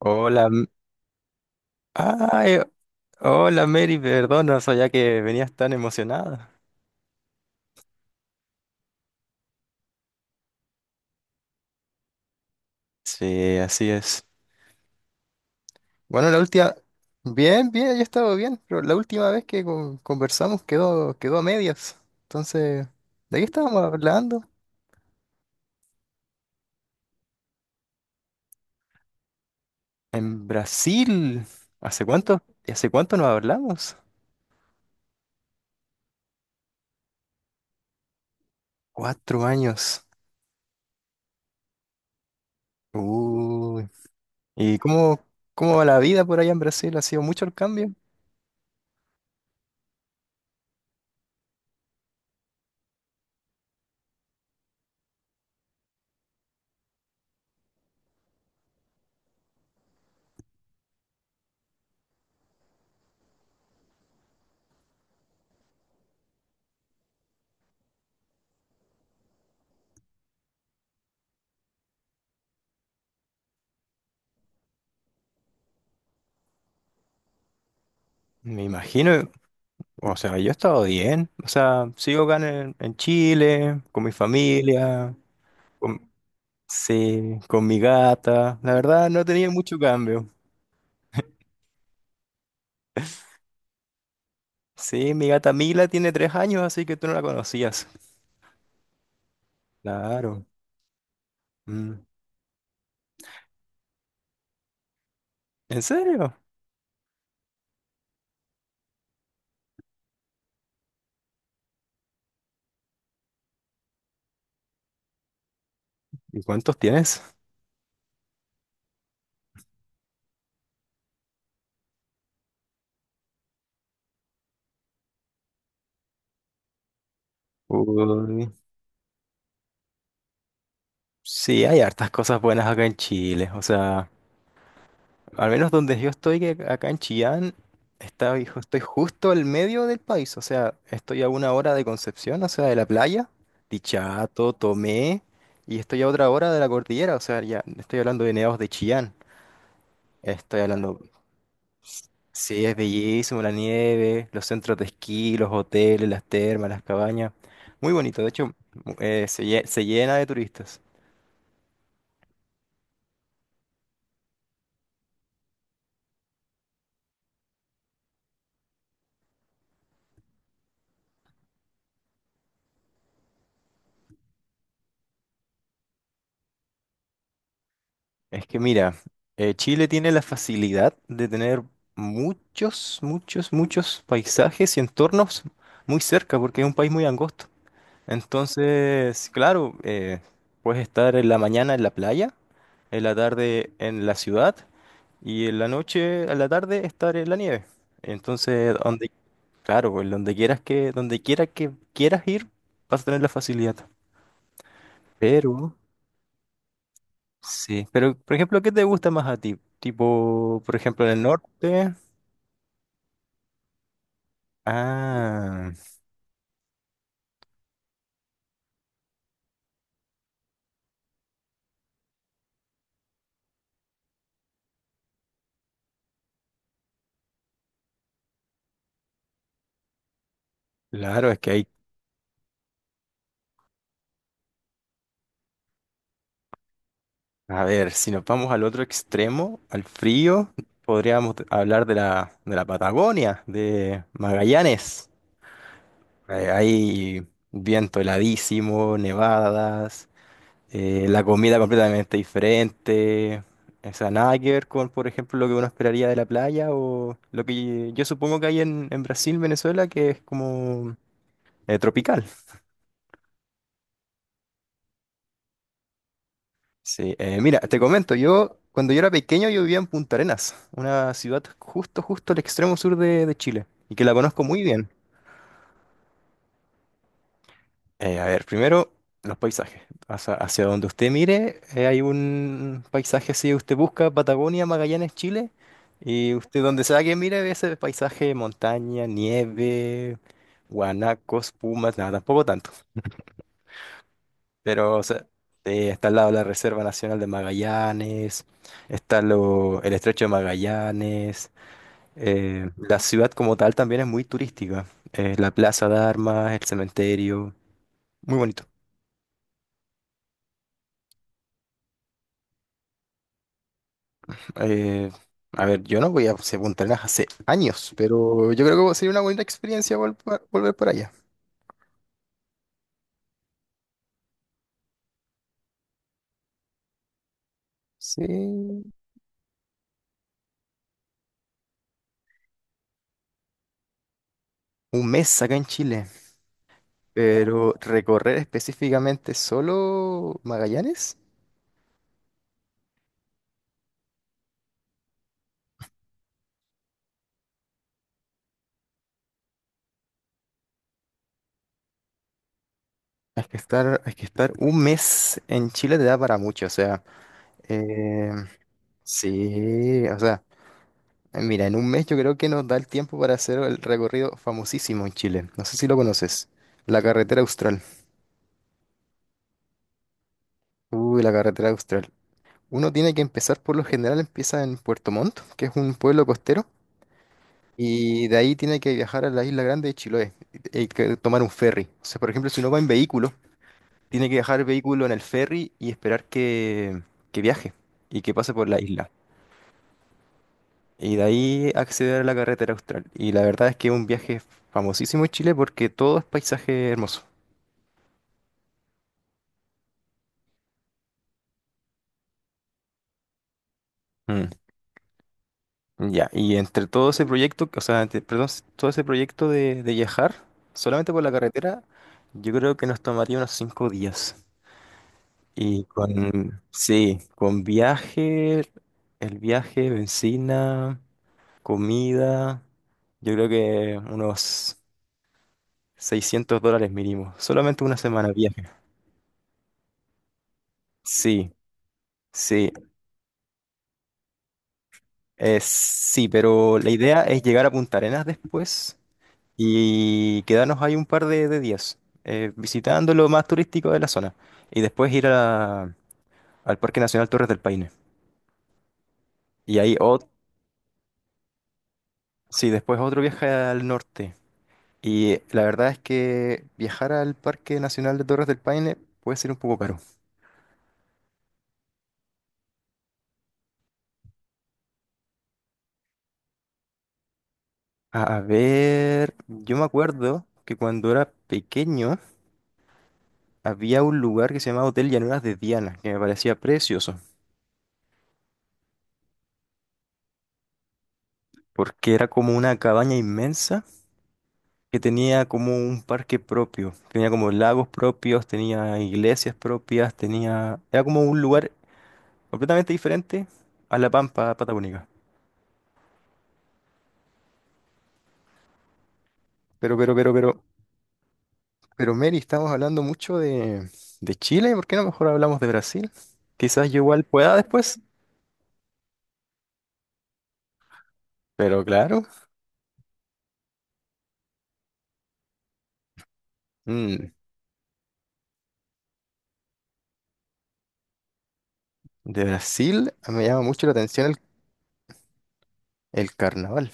Hola, M- ay, hola, Mary, perdona, no sabía que venías tan emocionada. Sí, así es. Bueno, la última, bien, bien, yo he estado bien, pero la última vez que conversamos quedó a medias. Entonces, ¿de qué estábamos hablando? En Brasil. ¿Hace cuánto? ¿Y hace cuánto nos hablamos? Cuatro años. Uy. ¿Y cómo va la vida por allá en Brasil? ¿Ha sido mucho el cambio? Me imagino. O sea, yo he estado bien. O sea, sigo acá en Chile, con mi familia, con, sí, con mi gata. La verdad, no tenía mucho cambio. Sí, mi gata Mila tiene tres años, así que tú no la conocías. Claro. Mm. ¿En serio? ¿Y cuántos tienes? Uy. Sí, hay hartas cosas buenas acá en Chile. O sea, al menos donde yo estoy, que acá en Chillán, hijo, estoy justo al medio del país. O sea, estoy a una hora de Concepción, o sea, de la playa, Dichato, Tomé, y estoy a otra hora de la cordillera. O sea, ya estoy hablando de nevados de Chillán. Estoy hablando, sí, es bellísimo la nieve, los centros de esquí, los hoteles, las termas, las cabañas. Muy bonito, de hecho, se llena de turistas. Es que mira, Chile tiene la facilidad de tener muchos paisajes y entornos muy cerca, porque es un país muy angosto. Entonces, claro, puedes estar en la mañana en la playa, en la tarde en la ciudad y en la noche, a la tarde, estar en la nieve. Entonces, donde, claro, pues, donde quiera que quieras ir, vas a tener la facilidad. Pero sí, pero por ejemplo, ¿qué te gusta más a ti? Tipo, por ejemplo, en el norte. Ah, claro, es que hay. A ver, si nos vamos al otro extremo, al frío, podríamos hablar de de la Patagonia, de Magallanes. Hay viento heladísimo, nevadas, la comida completamente diferente. O sea, nada que ver con, por ejemplo, lo que uno esperaría de la playa o lo que yo supongo que hay en Brasil, Venezuela, que es como tropical. Sí. Mira, te comento, yo cuando yo era pequeño yo vivía en Punta Arenas, una ciudad justo al extremo sur de Chile, y que la conozco muy bien. A ver, primero, los paisajes. Hacia donde usted mire, hay un paisaje, si usted busca Patagonia, Magallanes, Chile, y usted donde sea que mire, ve ese paisaje, montaña, nieve, guanacos, pumas, nada, tampoco tanto. Pero, o sea, está al lado la Reserva Nacional de Magallanes, está el Estrecho de Magallanes. La ciudad como tal también es muy turística. La Plaza de Armas, el cementerio, muy bonito. Eh, a ver, yo no voy a Punta Arenas hace años, pero yo creo que sería una bonita experiencia volver por allá. Sí, un mes acá en Chile, pero recorrer específicamente solo Magallanes. Es que estar un mes en Chile te da para mucho, o sea, eh, sí, o sea, mira, en un mes yo creo que nos da el tiempo para hacer el recorrido famosísimo en Chile. No sé si lo conoces, la carretera austral. Uy, la carretera austral. Uno tiene que empezar, por lo general, empieza en Puerto Montt, que es un pueblo costero, y de ahí tiene que viajar a la Isla Grande de Chiloé y que tomar un ferry. O sea, por ejemplo, si uno va en vehículo, tiene que dejar el vehículo en el ferry y esperar que viaje y que pase por la isla. Y de ahí acceder a la carretera austral. Y la verdad es que es un viaje famosísimo en Chile porque todo es paisaje hermoso. Mm, ya, y entre todo ese proyecto, o sea, perdón, todo ese proyecto de viajar solamente por la carretera, yo creo que nos tomaría unos cinco días. Sí, con viaje, el viaje, bencina. Comida, yo creo que unos $600 mínimo. Solamente una semana de viaje. Sí, sí, sí, pero la idea es llegar a Punta Arenas después y quedarnos ahí un par de días, visitando lo más turístico de la zona. Y después al Parque Nacional Torres del Paine. Y ahí, sí, después otro viaje al norte. Y la verdad es que viajar al Parque Nacional de Torres del Paine puede ser un poco caro. A ver, yo me acuerdo que cuando era pequeño había un lugar que se llamaba Hotel Llanuras de Diana, que me parecía precioso, porque era como una cabaña inmensa que tenía como un parque propio, tenía como lagos propios, tenía iglesias propias, tenía... Era como un lugar completamente diferente a La Pampa Patagónica. Pero, pero, pero, pero, Mary, estamos hablando mucho de Chile, ¿por qué no mejor hablamos de Brasil? Quizás yo igual pueda después, pero claro. Mm. De Brasil me llama mucho la atención el carnaval,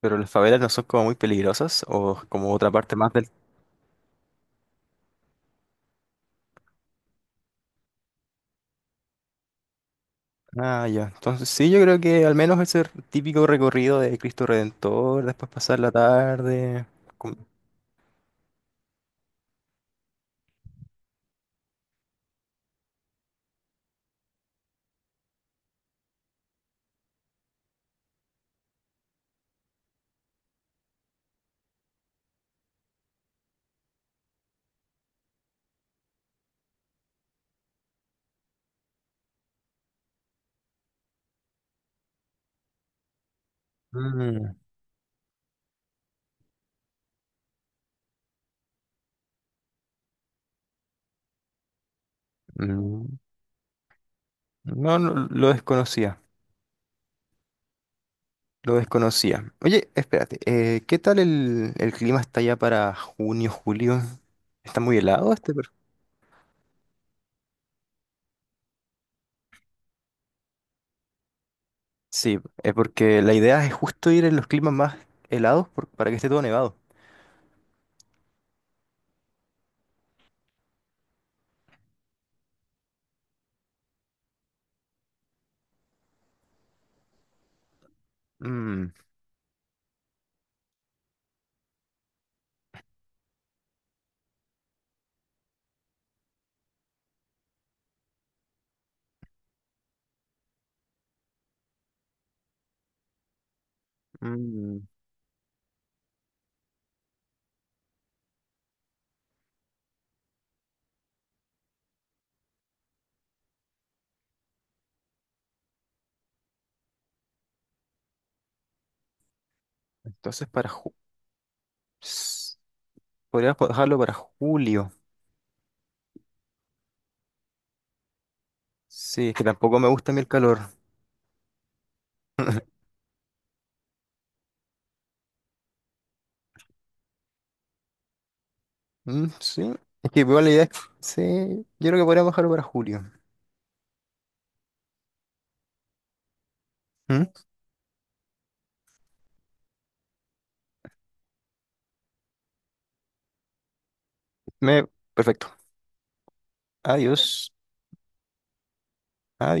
pero las favelas no son como muy peligrosas o como otra parte más del... Ah, ya. Entonces sí, yo creo que al menos ese típico recorrido de Cristo Redentor, después pasar la tarde... con- Mm, mm. No, no, lo desconocía, lo desconocía. Oye, espérate, ¿qué tal el clima está ya para junio, julio? ¿Está muy helado este? Sí, es porque la idea es justo ir en los climas más helados para que esté todo nevado. Mm, mm. Entonces para ju- s- Podrías dejarlo para julio. Sí, es que tampoco me gusta a mí el calor. Mm, sí, es que igual la idea es- sí, yo creo que podríamos dejarlo para julio. Mm, Me, perfecto. Adiós. Adiós.